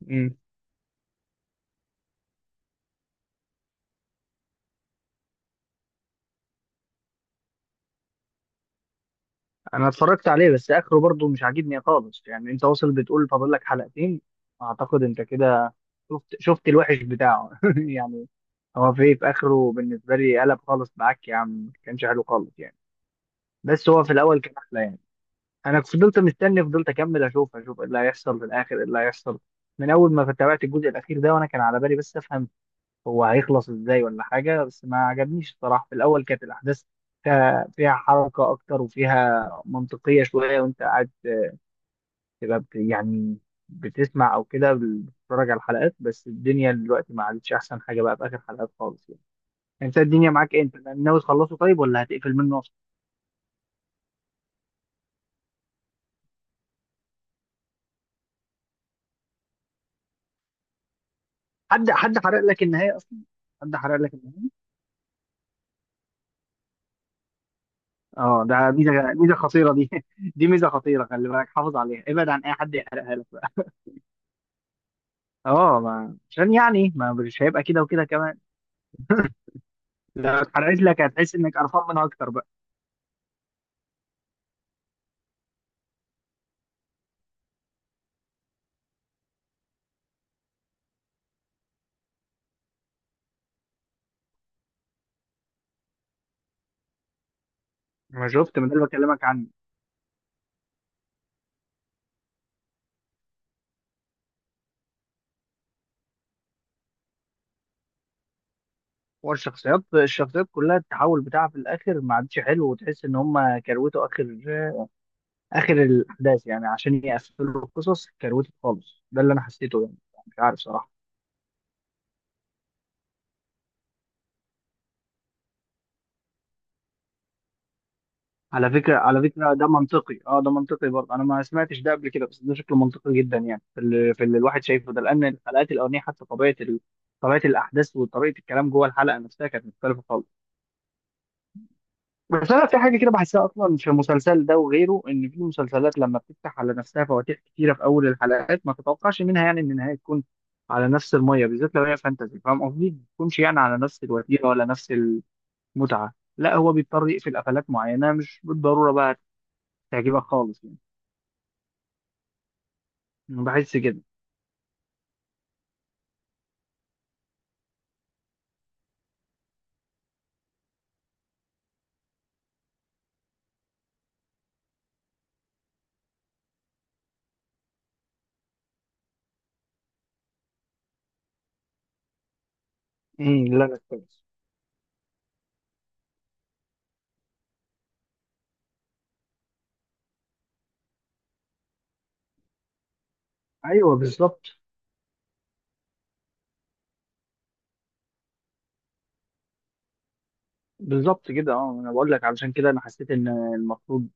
مم. انا اتفرجت عليه، بس اخره برضو مش عاجبني خالص يعني. انت واصل بتقول فاضل لك حلقتين، اعتقد انت كده شفت الوحش بتاعه يعني. هو في اخره بالنسبه لي قلب خالص، معاك يا عم ما كانش حلو خالص يعني. بس هو في الاول كان احلى يعني. انا فضلت مستني، فضلت اكمل اشوف ايه اللي هيحصل في الاخر، ايه اللي هيحصل من اول ما تابعت الجزء الاخير ده. وانا كان على بالي بس افهم هو هيخلص ازاي ولا حاجة، بس ما عجبنيش الصراحة. في الأول كانت الأحداث فيها حركة أكتر وفيها منطقية شوية، وأنت قاعد تبقى يعني بتسمع أو كده بتتفرج على الحلقات. بس الدنيا دلوقتي ما عادتش أحسن حاجة بقى في آخر حلقات خالص يعني. يعني أنت الدنيا معاك إيه؟ أنت ناوي تخلصه طيب ولا هتقفل منه أصلا؟ حد حرق لك النهاية أصلا؟ حد حرق لك النهاية؟ أه، ده ميزة خطيرة دي دي ميزة خطيرة. خلي بالك حافظ عليها، ابعد عن أي حد يحرقها لك بقى. أه عشان يعني ما مش هيبقى كده، وكده كمان لا، اتحرقت لك هتحس انك قرفان منها اكتر بقى. ما شفت من ده اللي بكلمك عنه. هو الشخصيات كلها التحول بتاعها في الاخر ما عادش حلو، وتحس ان هم كروتوا اخر الاحداث يعني، عشان يقفلوا القصص كروتوا خالص. ده اللي انا حسيته يعني، مش عارف صراحه. على فكره ده منطقي، اه ده منطقي برضه. انا ما سمعتش ده قبل كده بس ده شكله منطقي جدا يعني، في اللي الواحد شايفه ده، لان الحلقات الاولانيه حتى طبيعه طبيعه الاحداث وطريقه الكلام جوه الحلقه نفسها كانت مختلفه خالص. بس انا في حاجه كده بحسها اصلا في المسلسل ده وغيره، ان في المسلسلات لما بتفتح على نفسها فواتير كتيره في اول الحلقات، ما تتوقعش منها يعني ان النهايه تكون على نفس الميه، بالذات لو هي فانتزي، فاهم قصدي، ما تكونش يعني على نفس الوتيره ولا نفس المتعه. لا، هو بيضطر يقفل قفلات معينه مش بالضروره بقى تعجبك خالص يعني. أنا بحس كده. امم، لا لا كويس. ايوه بالظبط. بالظبط كده، اه انا بقول لك علشان كده انا حسيت ان المفروض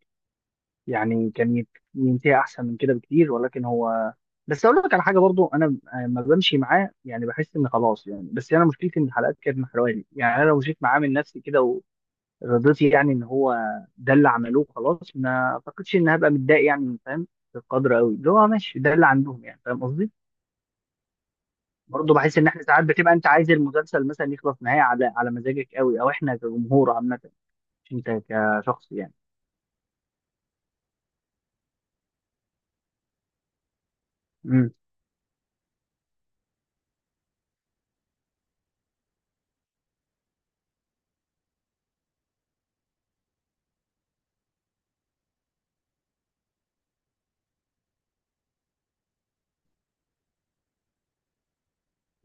يعني كان ينتهي احسن من كده بكتير، ولكن هو بس اقول لك على حاجه برضو. انا لما بمشي معاه يعني بحس ان خلاص يعني، بس انا مشكلتي ان الحلقات كانت محرقاني يعني. انا لو مشيت معاه من نفسي كده ورضيتي يعني ان هو ده اللي عملوه خلاص، ما اعتقدش ان هبقى متضايق يعني، فاهم، بالقدر قوي اللي هو ماشي ده اللي عندهم يعني، فاهم قصدي. برضه بحس ان احنا ساعات بتبقى انت عايز المسلسل مثلا يخلص نهايه على مزاجك قوي، او احنا كجمهور عامه مش انت كشخص يعني. امم.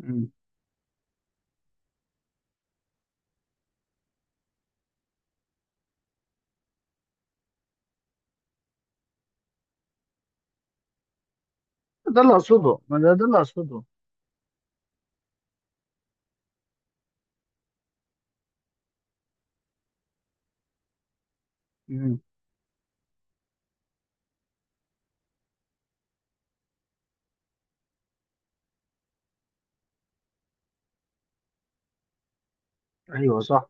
امم، ده اللي اقصده. ما ده اللي اقصده. امم. ايوه صح.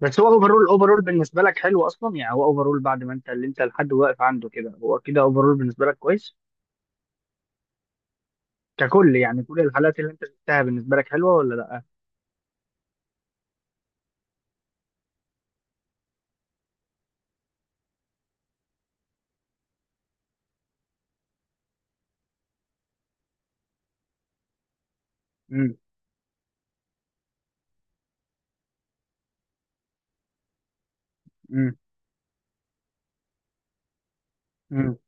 بس هو اوفرول، اوفرول بالنسبه لك حلو اصلا يعني. هو اوفرول بعد ما انت اللي انت لحد واقف عنده كده، هو كده اوفرول بالنسبه لك كويس ككل يعني؟ كل الحالات اللي انت شفتها بالنسبه لك حلوه ولا لا؟ امم. امم.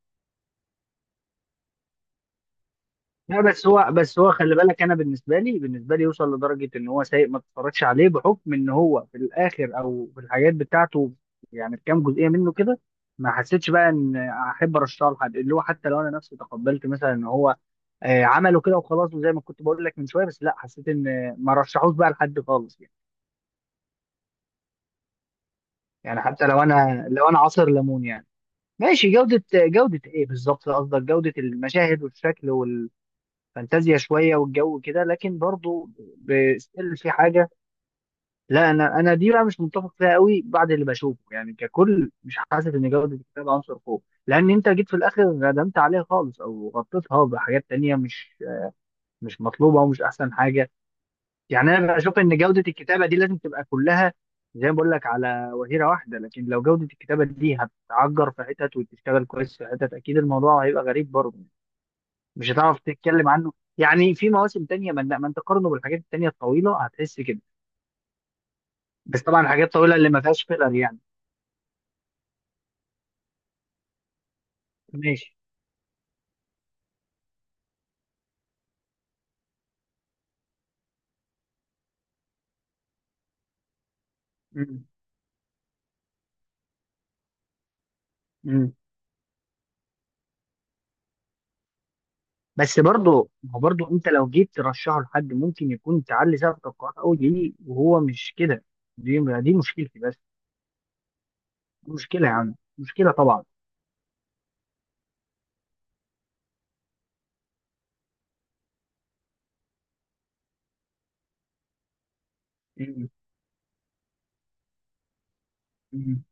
لا، بس هو خلي بالك، انا بالنسبه لي، يوصل لدرجه ان هو سيء ما تتفرجش عليه بحكم ان هو في الاخر او في الحاجات بتاعته، يعني في كام جزئيه منه كده ما حسيتش بقى ان احب ارشحه لحد، اللي هو حتى لو انا نفسي تقبلت مثلا ان هو عمله كده وخلاص، وزي ما كنت بقول لك من شويه. بس لا، حسيت ان ما رشحوش بقى لحد خالص يعني. يعني حتى لو لو انا عصر ليمون يعني ماشي. جوده ايه بالظبط قصدك؟ جوده المشاهد والشكل فانتازيا شويه والجو كده، لكن برضو ستيل في حاجه. لا، انا دي بقى مش متفق فيها قوي بعد اللي بشوفه يعني ككل. مش حاسس ان جوده الكتاب عنصر فوق، لان انت جيت في الاخر غدمت عليها خالص او غطيتها بحاجات تانية مش مطلوبه ومش احسن حاجه. يعني انا بشوف ان جوده الكتابه دي لازم تبقى كلها زي ما بقول لك على وتيره واحده، لكن لو جوده الكتابه دي هتعجر في حتت وتشتغل كويس في حتت اكيد الموضوع هيبقى غريب برضه، مش هتعرف تتكلم عنه. يعني في مواسم تانية، ما انت قارنه بالحاجات التانية الطويلة هتحس كده. بس طبعا الحاجات الطويلة اللي ما فيهاش فيلر يعني ماشي. مم. مم. بس برضه ما هو، برضه انت لو جيت ترشحه لحد ممكن يكون تعلي سقف توقعات قوي ليه وهو مش كده. دي مشكلتي بس. دي مشكلة، يعني مشكلة طبعا. مم. مم.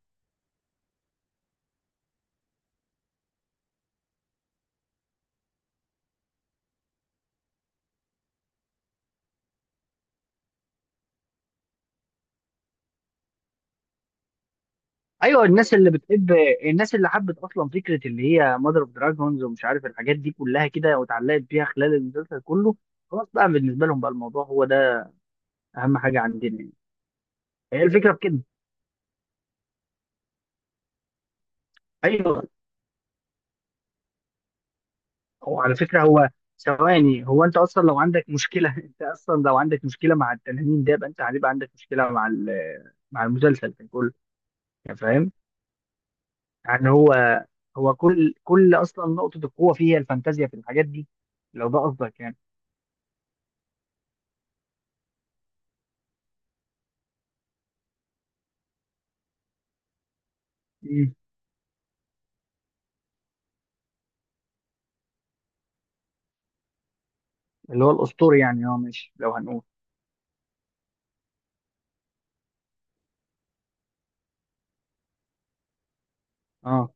ايوه، الناس اللي بتحب، الناس اللي حبت اصلا فكره اللي هي مادر اوف دراجونز ومش عارف الحاجات دي كلها كده واتعلقت بيها خلال المسلسل كله، خلاص بقى بالنسبه لهم بقى الموضوع هو ده اهم حاجه عندنا يعني. هي الفكره في كده. ايوه. هو على فكره، هو، ثواني، هو انت اصلا لو عندك مشكله انت اصلا لو عندك مشكله مع التنانين ده، يبقى انت هيبقى عندك مشكله مع مع المسلسل كان كله يعني، فاهم يعني. هو كل اصلا نقطه القوه فيها الفانتازيا في الحاجات دي، لو ده قصدك يعني. مم. اللي هو الاسطوري يعني، اه ماشي لو هنقول. اه.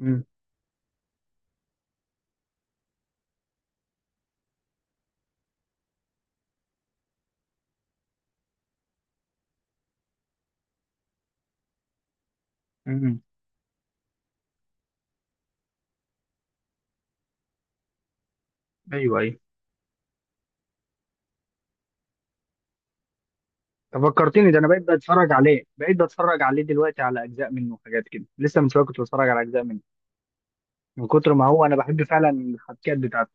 امم. امم. ايوه. ايوه. طب فكرتني ده. انا بقيت بتفرج عليه دلوقتي على اجزاء منه وحاجات كده، لسه من شويه كنت بتفرج على اجزاء منه. من كتر ما هو انا بحب فعلا الحبكات بتاعته،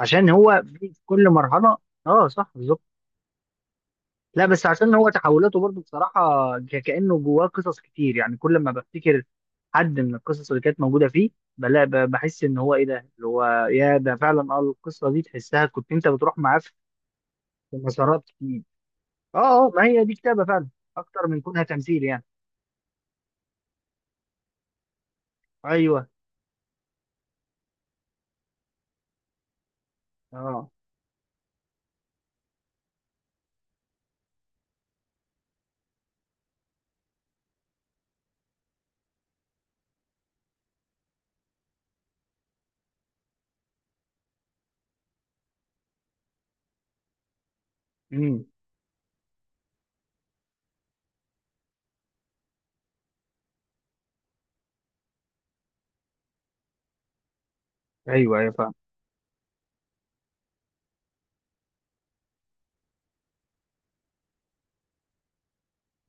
عشان هو في كل مرحله. اه صح بالظبط. لا بس عشان هو تحولاته برضو بصراحه، كانه جواه قصص كتير يعني. كل ما بفتكر حد من القصص اللي كانت موجوده فيه بحس ان هو ايه ده اللي هو، يا ده فعلا، اه القصه دي تحسها كنت انت بتروح معاه في في مسارات كتير. اه. اه، ما هي دي كتابه فعلا اكتر من كونها تمثيل يعني. ايوه. اه. امم. ايوه ايوه فعلا.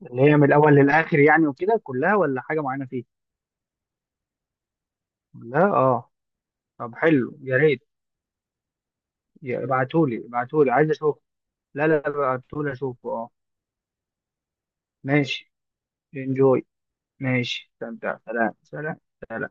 اللي هي من الاول للاخر يعني وكده كلها، ولا حاجه معينه فيه؟ لا. اه. طب حلو، يا ريت. ابعتولي، ابعتولي عايز اشوف. لا لا، ابعتولي اشوفه، اه. ماشي. انجوي. ماشي، استمتع. سلام سلام. سلام.